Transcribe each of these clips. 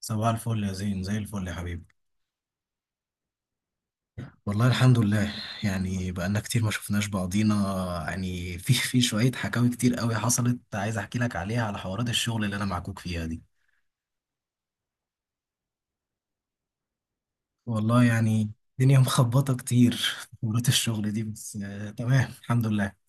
صباح الفل يا زين، زي الفل يا حبيبي. والله الحمد لله. يعني بقالنا كتير ما شفناش بعضينا. يعني في شوية حكاوي كتير قوي حصلت، عايز احكي لك عليها، على حوارات الشغل اللي انا معكوك فيها دي. والله يعني الدنيا مخبطة كتير في حوارات الشغل دي، بس تمام الحمد لله.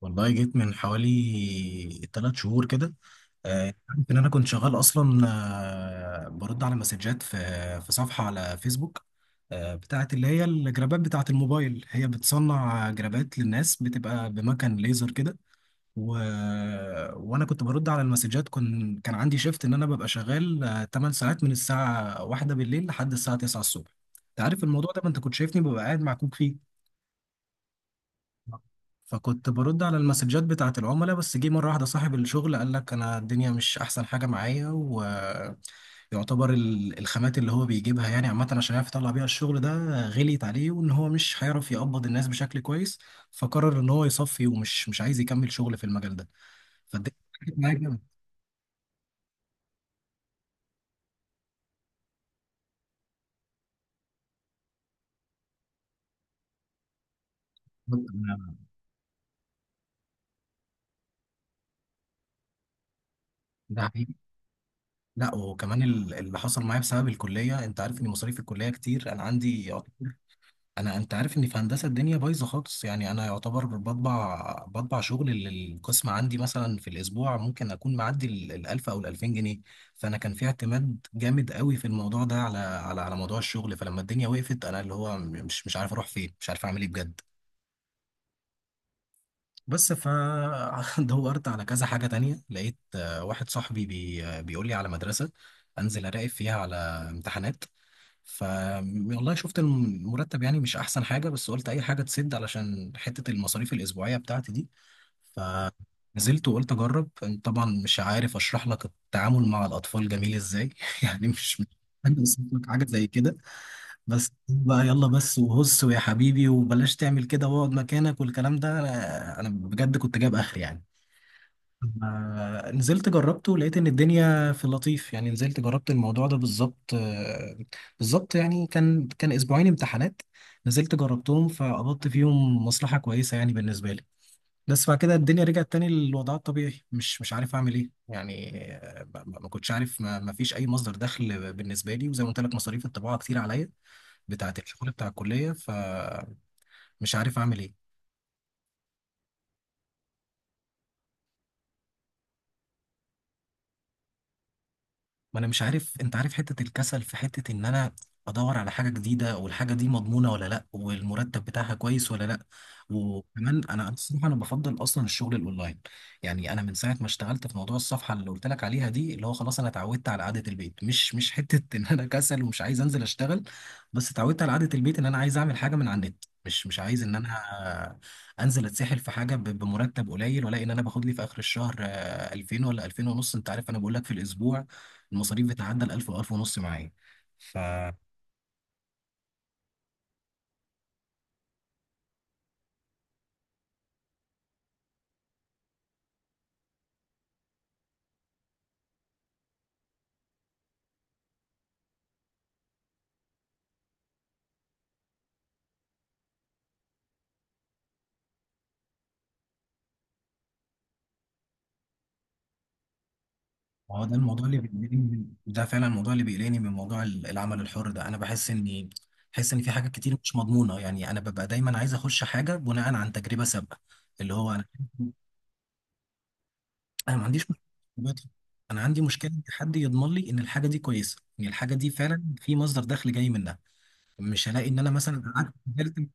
والله جيت من حوالي تلات شهور كده. عارف ان انا كنت شغال اصلا. برد على مسجات في صفحه على فيسبوك، بتاعت اللي هي الجرابات بتاعت الموبايل، هي بتصنع جرابات للناس، بتبقى بمكان ليزر كده. و... وانا كنت برد على المسجات. كان عندي شيفت ان انا ببقى شغال 8 ساعات، من الساعه 1 بالليل لحد الساعه 9 الصبح. انت عارف الموضوع ده، ما انت كنت شايفني ببقى قاعد مع كوك فيه. فكنت برد على المسجات بتاعة العملاء، بس جه مرة واحدة صاحب الشغل قال لك أنا الدنيا مش أحسن حاجة معايا، ويعتبر الخامات اللي هو بيجيبها، يعني عامة، عشان يعرف يطلع بيها الشغل ده، غليت عليه، وإن هو مش هيعرف يقبض الناس بشكل كويس. فقرر إن هو يصفي ومش مش عايز يكمل شغل في المجال ده. فالدنيا اتفرقت معايا جامد، ده حقيقي. لا وكمان اللي حصل معايا بسبب الكلية، أنت عارف إن مصاريف الكلية كتير أنا عندي. انت عارف ان في هندسه الدنيا بايظه خالص، يعني انا يعتبر بطبع شغل للقسم، عندي مثلا في الاسبوع ممكن اكون معدي الالف او الالفين جنيه. فانا كان في اعتماد جامد قوي في الموضوع ده على موضوع الشغل. فلما الدنيا وقفت انا اللي هو مش عارف اروح فين، مش عارف اعمل ايه بجد. بس فدورت على كذا حاجة تانية، لقيت واحد صاحبي بي آه، بيقول لي على مدرسة، أنزل أراقب فيها على امتحانات. ف والله شفت المرتب يعني مش أحسن حاجة، بس قلت أي حاجة تسد علشان حتة المصاريف الأسبوعية بتاعتي دي. فنزلت وقلت أجرب. طبعا مش عارف أشرح لك التعامل مع الأطفال جميل إزاي يعني أنا وصفت لك حاجة زي كده. بس بقى يلا بس وهص ويا حبيبي وبلاش تعمل كده واقعد مكانك والكلام ده، أنا بجد كنت جايب اخر يعني. نزلت جربته، لقيت ان الدنيا في اللطيف، يعني نزلت جربت الموضوع ده بالظبط، بالظبط. يعني كان اسبوعين امتحانات، نزلت جربتهم، فقبضت فيهم مصلحة كويسة يعني بالنسبة لي. بس بعد كده الدنيا رجعت تاني للوضع الطبيعي، مش عارف اعمل ايه يعني. ما كنتش عارف، ما فيش اي مصدر دخل بالنسبة لي. وزي ما قلت لك، مصاريف الطباعة كتير عليا، بتاعة الشغل بتاع الكلية، فمش عارف أعمل إيه. ما انا مش عارف، انت عارف حتة الكسل، في حتة ان انا ادور على حاجة جديدة، والحاجة دي مضمونة ولا لا، والمرتب بتاعها كويس ولا لا. وكمان انا الصراحة انا بفضل اصلا الشغل الاونلاين. يعني انا من ساعة ما اشتغلت في موضوع الصفحة اللي قلت لك عليها دي، اللي هو خلاص انا اتعودت على قعدة البيت، مش حتة ان انا كسل ومش عايز انزل اشتغل، بس اتعودت على قعدة البيت، ان انا عايز اعمل حاجة من على النت، مش عايز ان انا انزل اتسحل في حاجه بمرتب قليل، ولا ان انا باخد لي في اخر الشهر 2000 ولا 2000 ونص. انت عارف انا بقول لك في الاسبوع المصاريف بتعدى ال 1000 و1000 ونص معايا. ف هو ده الموضوع اللي بيقلقني ده فعلا الموضوع اللي بيقلقني من موضوع العمل الحر ده. انا بحس ان في حاجات كتير مش مضمونه، يعني انا ببقى دايما عايز اخش حاجه بناء عن تجربه سابقه. اللي هو انا ما عنديش مشكله دلوقتي. انا عندي مشكله ان حد يضمن لي ان الحاجه دي كويسه، ان الحاجه دي فعلا في مصدر دخل جاي منها. مش هلاقي ان انا مثلا قعدت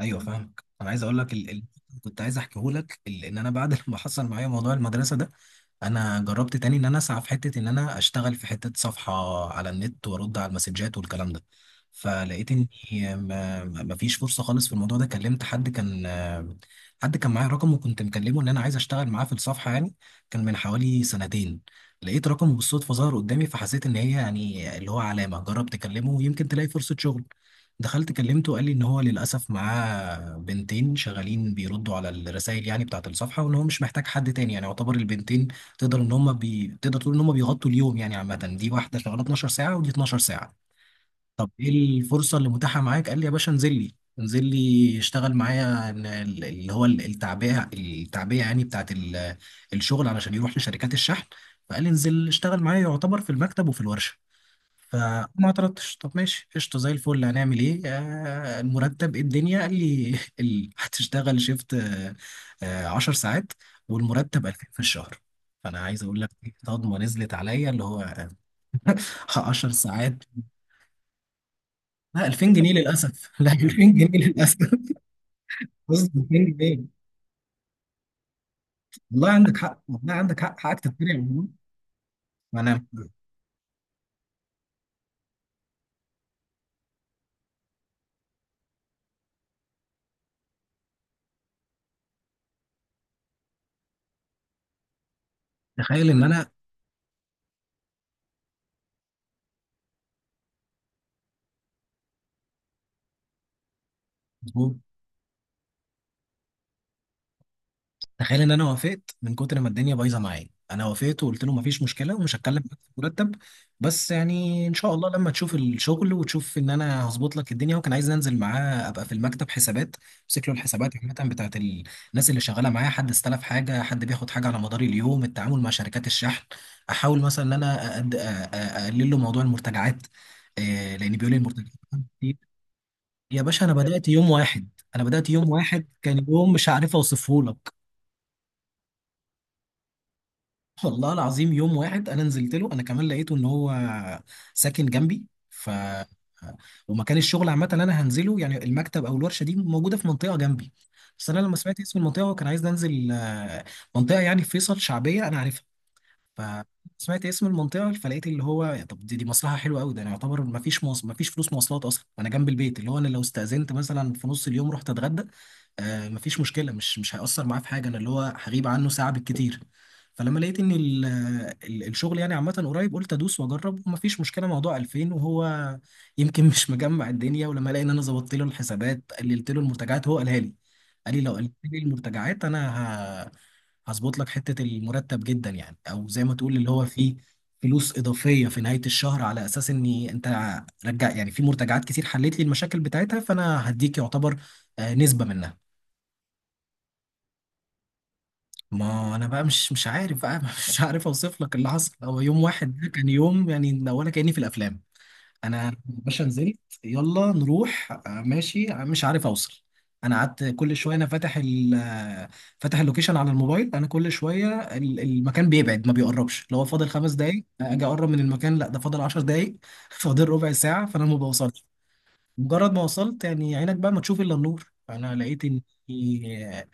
ايوه فاهمك. انا عايز اقول لك كنت عايز احكيه لك ان انا بعد ما حصل معايا موضوع المدرسه ده، انا جربت تاني ان انا اسعى في حته، ان انا اشتغل في حته صفحه على النت وارد على المسجات والكلام ده. فلقيت ان ما فيش فرصه خالص في الموضوع ده. كلمت حد كان معايا رقمه، وكنت مكلمه ان انا عايز اشتغل معاه في الصفحه يعني، كان من حوالي سنتين. لقيت رقمه بالصدفه، ظهر قدامي، فحسيت ان هي يعني اللي هو علامه، جربت اكلمه يمكن تلاقي فرصه شغل. دخلت كلمته وقال لي ان هو للاسف معاه بنتين شغالين بيردوا على الرسائل يعني بتاعه الصفحه، وان هو مش محتاج حد تاني. يعني يعتبر البنتين تقدر تقول ان هم بيغطوا اليوم، يعني عامه، دي واحده شغاله 12 ساعه ودي 12 ساعه. طب ايه الفرصه اللي متاحه معاك؟ قال لي يا باشا انزل لي، انزل لي اشتغل معايا، التعبئه، التعبئه يعني بتاعت الشغل علشان يروح لشركات الشحن. فقال لي انزل اشتغل معايا، يعتبر في المكتب وفي الورشه. فما اعترضتش، طب ماشي قشطه زي الفل، هنعمل ايه؟ المرتب إيه الدنيا؟ قال لي هتشتغل شيفت 10 ساعات والمرتب 2000 في الشهر. فانا عايز اقول لك إيه، صدمه نزلت عليا، اللي هو 10 ساعات، لا 2000 جنيه للاسف لا 2000 جنيه للاسف بص 2000 جنيه. والله عندك حق، والله عندك حق، حقك تتكلم والله. انا تخيل ان انا انا وافقت، من كتر ما الدنيا بايظه معايا انا وافقت وقلت له مفيش مشكله، ومش هتكلم معاك في مرتب، بس يعني ان شاء الله لما تشوف الشغل وتشوف ان انا هظبط لك الدنيا. وكان عايز انزل معاه، ابقى في المكتب حسابات، امسك له الحسابات، عامه بتاعت الناس اللي شغاله معايا، حد استلف حاجه، حد بياخد حاجه، على مدار اليوم التعامل مع شركات الشحن. احاول مثلا ان انا اقلل له موضوع المرتجعات، لان بيقول لي المرتجعات كتير. يا باشا انا بدات يوم واحد، كان يوم مش عارف اوصفه لك. والله العظيم يوم واحد انا نزلت له، انا كمان لقيته ان هو ساكن جنبي. ف ومكان الشغل عامه اللي انا هنزله، يعني المكتب او الورشه دي، موجوده في منطقه جنبي. بس انا لما سمعت اسم المنطقه وكان عايز انزل منطقه يعني في فيصل شعبيه انا عارفها. فسمعت اسم المنطقة، فلقيت اللي هو يا طب دي مصلحة حلوة قوي، ده انا يعتبر ما فيش ما فيش فلوس مواصلات اصلا، انا جنب البيت، اللي هو انا لو استأذنت مثلا في نص اليوم رحت اتغدى ما فيش مشكلة، مش هيأثر معاه في حاجة، انا اللي هو هغيب عنه ساعة بالكتير. فلما لقيت ان الشغل يعني عامة قريب، قلت ادوس واجرب، وما فيش مشكلة موضوع 2000، وهو يمكن مش مجمع الدنيا. ولما لقى ان انا ظبطت له الحسابات، قللت له المرتجعات، هو قالها لي قال لي لو قللت لي المرتجعات انا هظبط لك حتة المرتب جدا، يعني او زي ما تقول اللي هو فيه فلوس اضافية في نهاية الشهر، على اساس اني انت رجع يعني في مرتجعات كتير حليت لي المشاكل بتاعتها، فانا هديك يعتبر نسبة منها. ما انا بقى مش عارف بقى مش عارف اوصف لك اللي حصل، هو يوم واحد ده كان يوم يعني ولا كأني في الافلام. انا يا باشا نزلت، يلا نروح ماشي، مش عارف اوصل. انا قعدت كل شويه انا فاتح ال آه، فاتح اللوكيشن على الموبايل. انا كل شويه المكان بيبعد، ما بيقربش، لو هو فاضل خمس دقايق اجي اقرب من المكان لا ده فاضل عشر دقايق فاضل ربع ساعه، فانا ما بوصلش. مجرد ما وصلت يعني عينك بقى ما تشوف الا النور، فانا لقيت ان في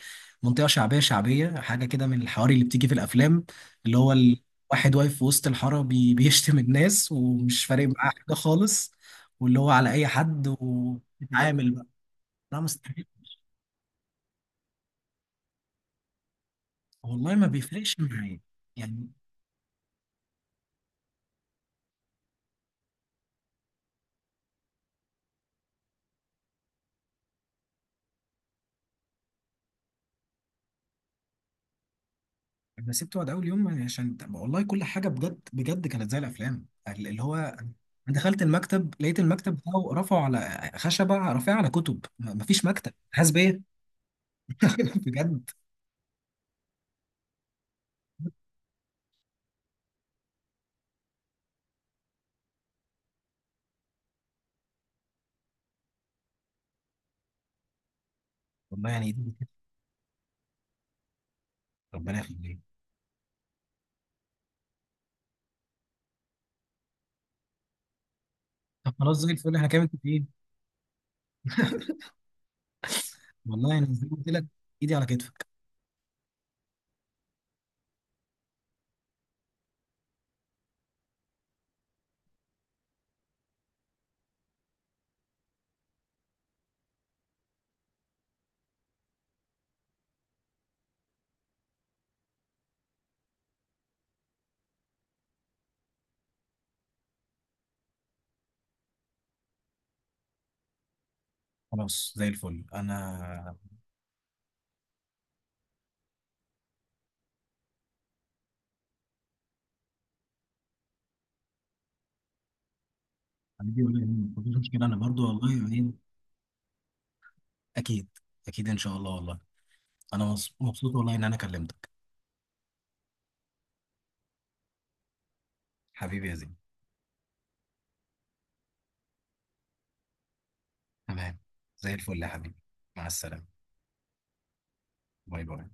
منطقه شعبيه شعبيه حاجه كده، من الحواري اللي بتيجي في الافلام، اللي هو الواحد واقف في وسط الحاره بيشتم الناس ومش فارق معاه حاجه خالص، واللي هو على اي حد وبيتعامل بقى. لا مستحيل، والله ما بيفرقش معايا، يعني انا سبت وقت اول يوم عشان والله كل حاجه بجد بجد كانت زي الافلام، اللي هو دخلت المكتب، لقيت المكتب بتاعه رفعوا على خشبة، رافعة على كتب، مفيش مكتب حاسس بيا بجد. والله يعني دي. ربنا يخليك. طب خلاص زي الفل، احنا كده متفقين. والله يعني زي ما قلت لك، ايدي على كتفك. خلاص زي الفل انا. حبيبي والله يعني مفيش مشكلة، انا برضو والله يعني، اكيد اكيد ان شاء الله والله. انا مبسوط والله ان انا كلمتك. حبيبي يا زين. تمام. زي الفل يا حبيبي. مع السلامة. باي باي.